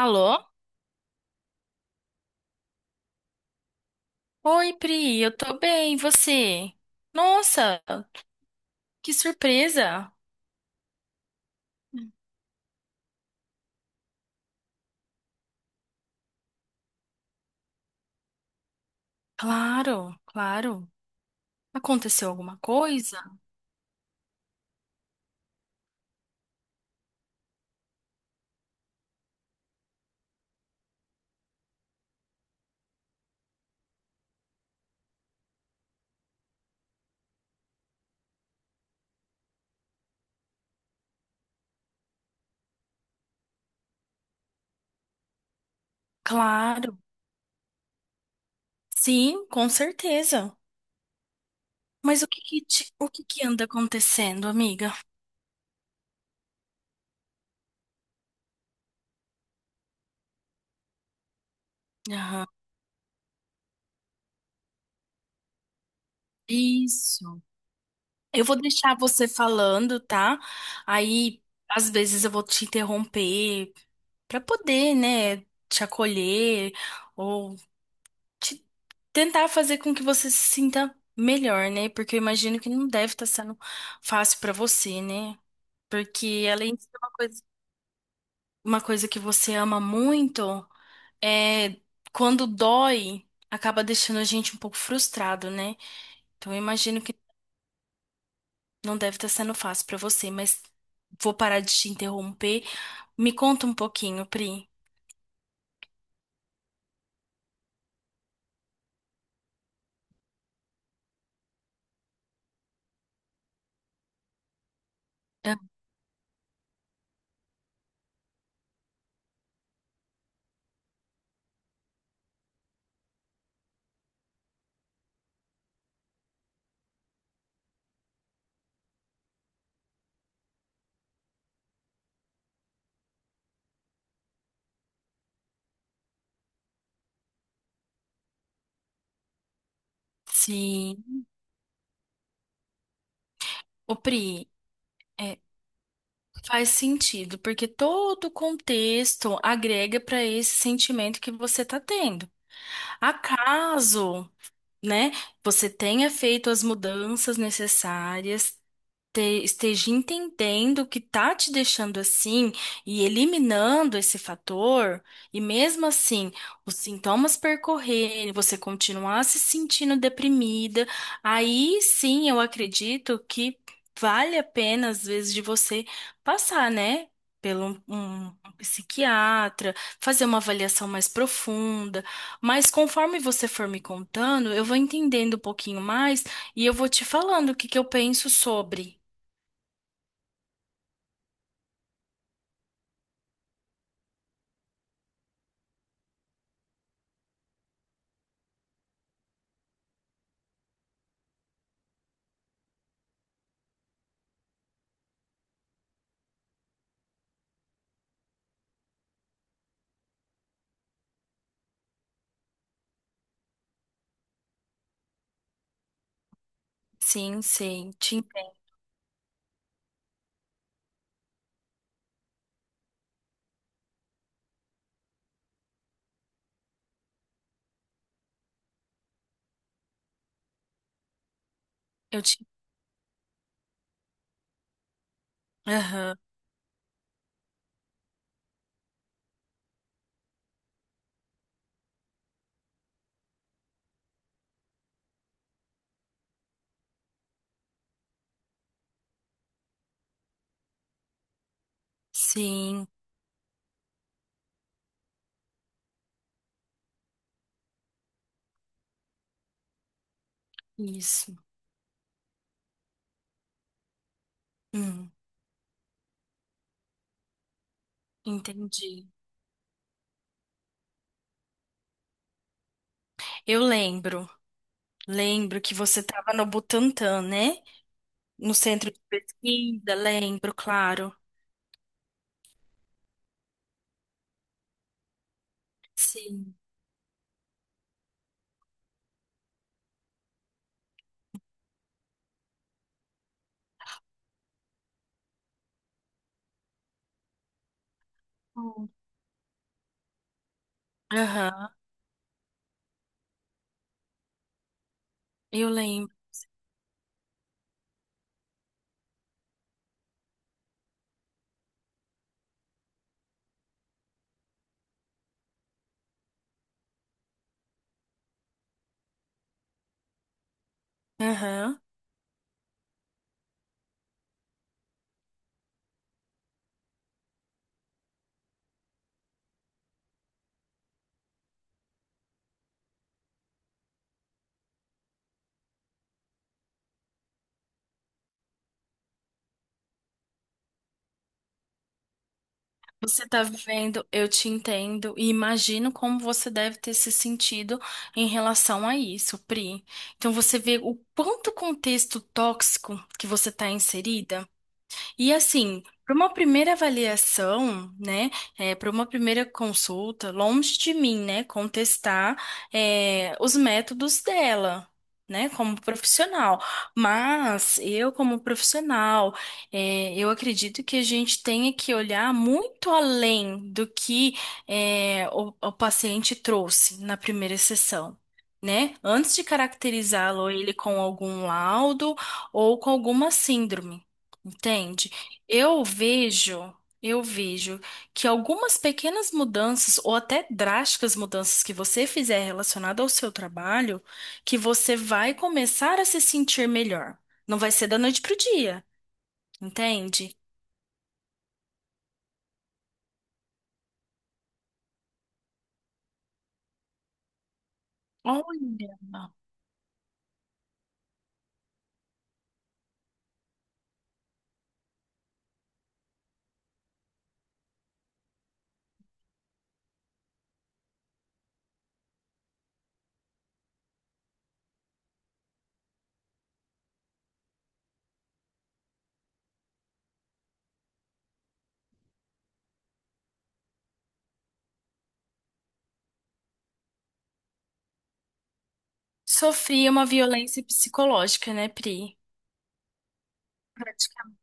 Alô? Oi, Pri, eu tô bem, e você? Nossa, que surpresa! Claro, claro. Aconteceu alguma coisa? Claro. Sim, com certeza. Mas o que que o que que anda acontecendo, amiga? Aham. Isso. Eu vou deixar você falando, tá? Aí, às vezes eu vou te interromper para poder, né, te acolher, ou te- tentar fazer com que você se sinta melhor, né? Porque eu imagino que não deve estar sendo fácil pra você, né? Porque além de ser uma coisa que você ama muito, é quando dói, acaba deixando a gente um pouco frustrado, né? Então eu imagino que não deve estar sendo fácil pra você, mas vou parar de te interromper. Me conta um pouquinho, Pri. Ah, sim. Ô, Pri, é, faz sentido, porque todo o contexto agrega para esse sentimento que você está tendo. Acaso, né, você tenha feito as mudanças necessárias, esteja entendendo o que tá te deixando assim e eliminando esse fator, e mesmo assim os sintomas percorrerem, você continuar se sentindo deprimida, aí sim eu acredito que vale a pena, às vezes, de você passar, né? Pelo um psiquiatra, fazer uma avaliação mais profunda, mas conforme você for me contando, eu vou entendendo um pouquinho mais e eu vou te falando o que que eu penso sobre. Sim, sim, te entendo. Eu te... Aham, sim, isso. Hum, entendi. Eu lembro, lembro que você estava no Butantã, né? No centro de pesquisa, lembro, claro. Sim. Hum. Aham, eu lembro. Aham. Você tá vivendo, eu te entendo e imagino como você deve ter se sentido em relação a isso, Pri. Então você vê o quanto contexto tóxico que você está inserida. E assim, para uma primeira avaliação, né, para uma primeira consulta, longe de mim, né, contestar é, os métodos dela. Né, como profissional, mas eu, como profissional, é, eu acredito que a gente tenha que olhar muito além do que é, o paciente trouxe na primeira sessão, né? Antes de caracterizá-lo ele com algum laudo ou com alguma síndrome. Entende? Eu vejo, eu vejo que algumas pequenas mudanças ou até drásticas mudanças que você fizer relacionado ao seu trabalho, que você vai começar a se sentir melhor. Não vai ser da noite pro dia, entende? Olha, sofri uma violência psicológica, né, Pri? Praticamente.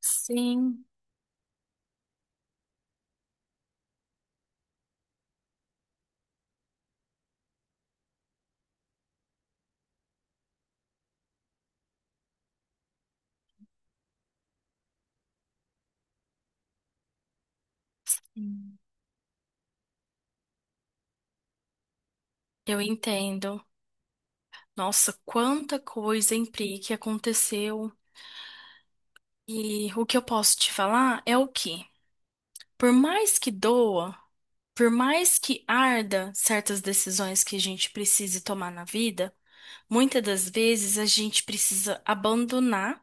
Sim, eu entendo. Nossa, quanta coisa, hein, Pri, que aconteceu. E o que eu posso te falar é o que, por mais que doa. Por mais que arda certas decisões que a gente precise tomar na vida, muitas das vezes a gente precisa abandonar,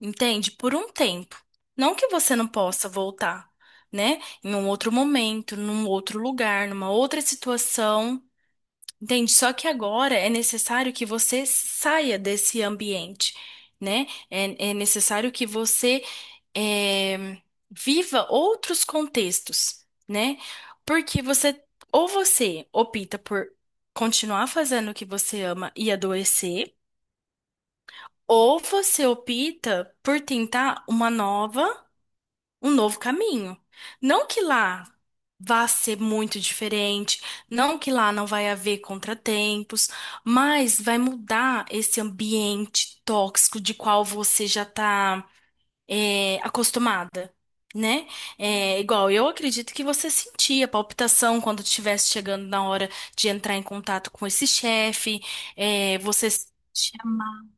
entende? Por um tempo. Não que você não possa voltar, né? Em um outro momento, num outro lugar, numa outra situação, entende? Só que agora é necessário que você saia desse ambiente. Né? É, é necessário que você eh, viva outros contextos, né? Porque você, ou você opta por continuar fazendo o que você ama e adoecer, ou você opta por tentar uma nova, um novo caminho. Não que lá vá ser muito diferente, não que lá não vai haver contratempos, mas vai mudar esse ambiente tóxico de qual você já está é, acostumada, né? É, igual, eu acredito que você sentia palpitação quando estivesse chegando na hora de entrar em contato com esse chefe, é, você chamar.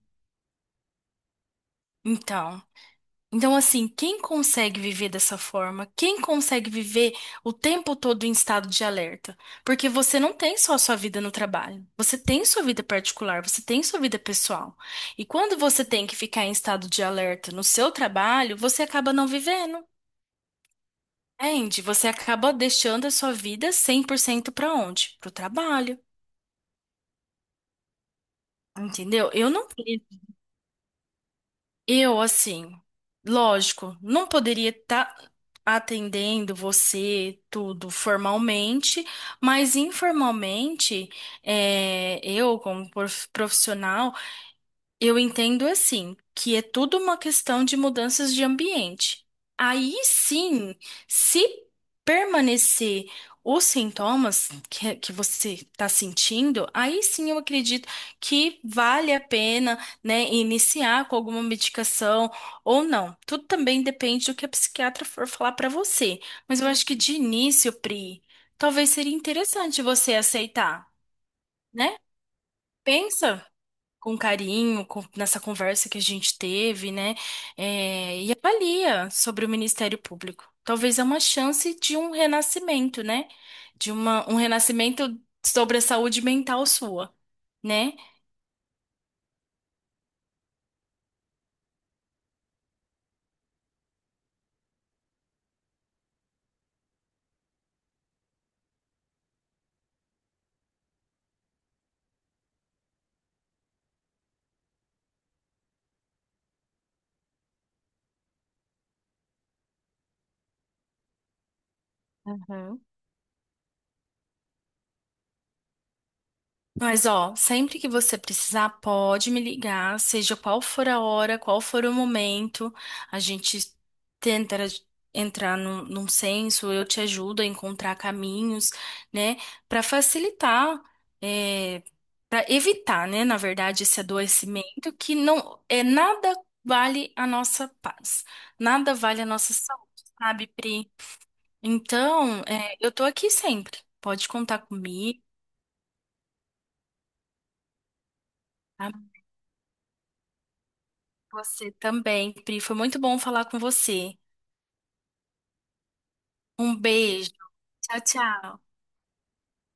Então, então assim, quem consegue viver dessa forma? Quem consegue viver o tempo todo em estado de alerta? Porque você não tem só a sua vida no trabalho, você tem sua vida particular, você tem sua vida pessoal. E quando você tem que ficar em estado de alerta no seu trabalho, você acaba não vivendo. É, Andy, você acaba deixando a sua vida 100% para onde? Pro trabalho, entendeu? Eu não queria. Eu, assim, lógico, não poderia estar atendendo você tudo formalmente, mas informalmente, é, eu, como profissional, eu entendo assim, que é tudo uma questão de mudanças de ambiente. Aí sim, se permanecer os sintomas que você está sentindo, aí sim eu acredito que vale a pena, né, iniciar com alguma medicação ou não. Tudo também depende do que a psiquiatra for falar para você. Mas eu acho que de início, Pri, talvez seria interessante você aceitar, né? Pensa com carinho, nessa conversa que a gente teve, né? É, e avalia sobre o Ministério Público. Talvez é uma chance de um renascimento, né? De uma, um renascimento sobre a saúde mental sua, né? Mas, ó, sempre que você precisar, pode me ligar, seja qual for a hora, qual for o momento, a gente tenta entrar num senso, eu te ajudo a encontrar caminhos, né, para facilitar, é, para evitar, né, na verdade, esse adoecimento que não é nada vale a nossa paz, nada vale a nossa saúde, sabe, Pri? Então, é, eu tô aqui sempre, pode contar comigo. Tá? Você também, Pri. Foi muito bom falar com você. Um beijo. Tchau, tchau.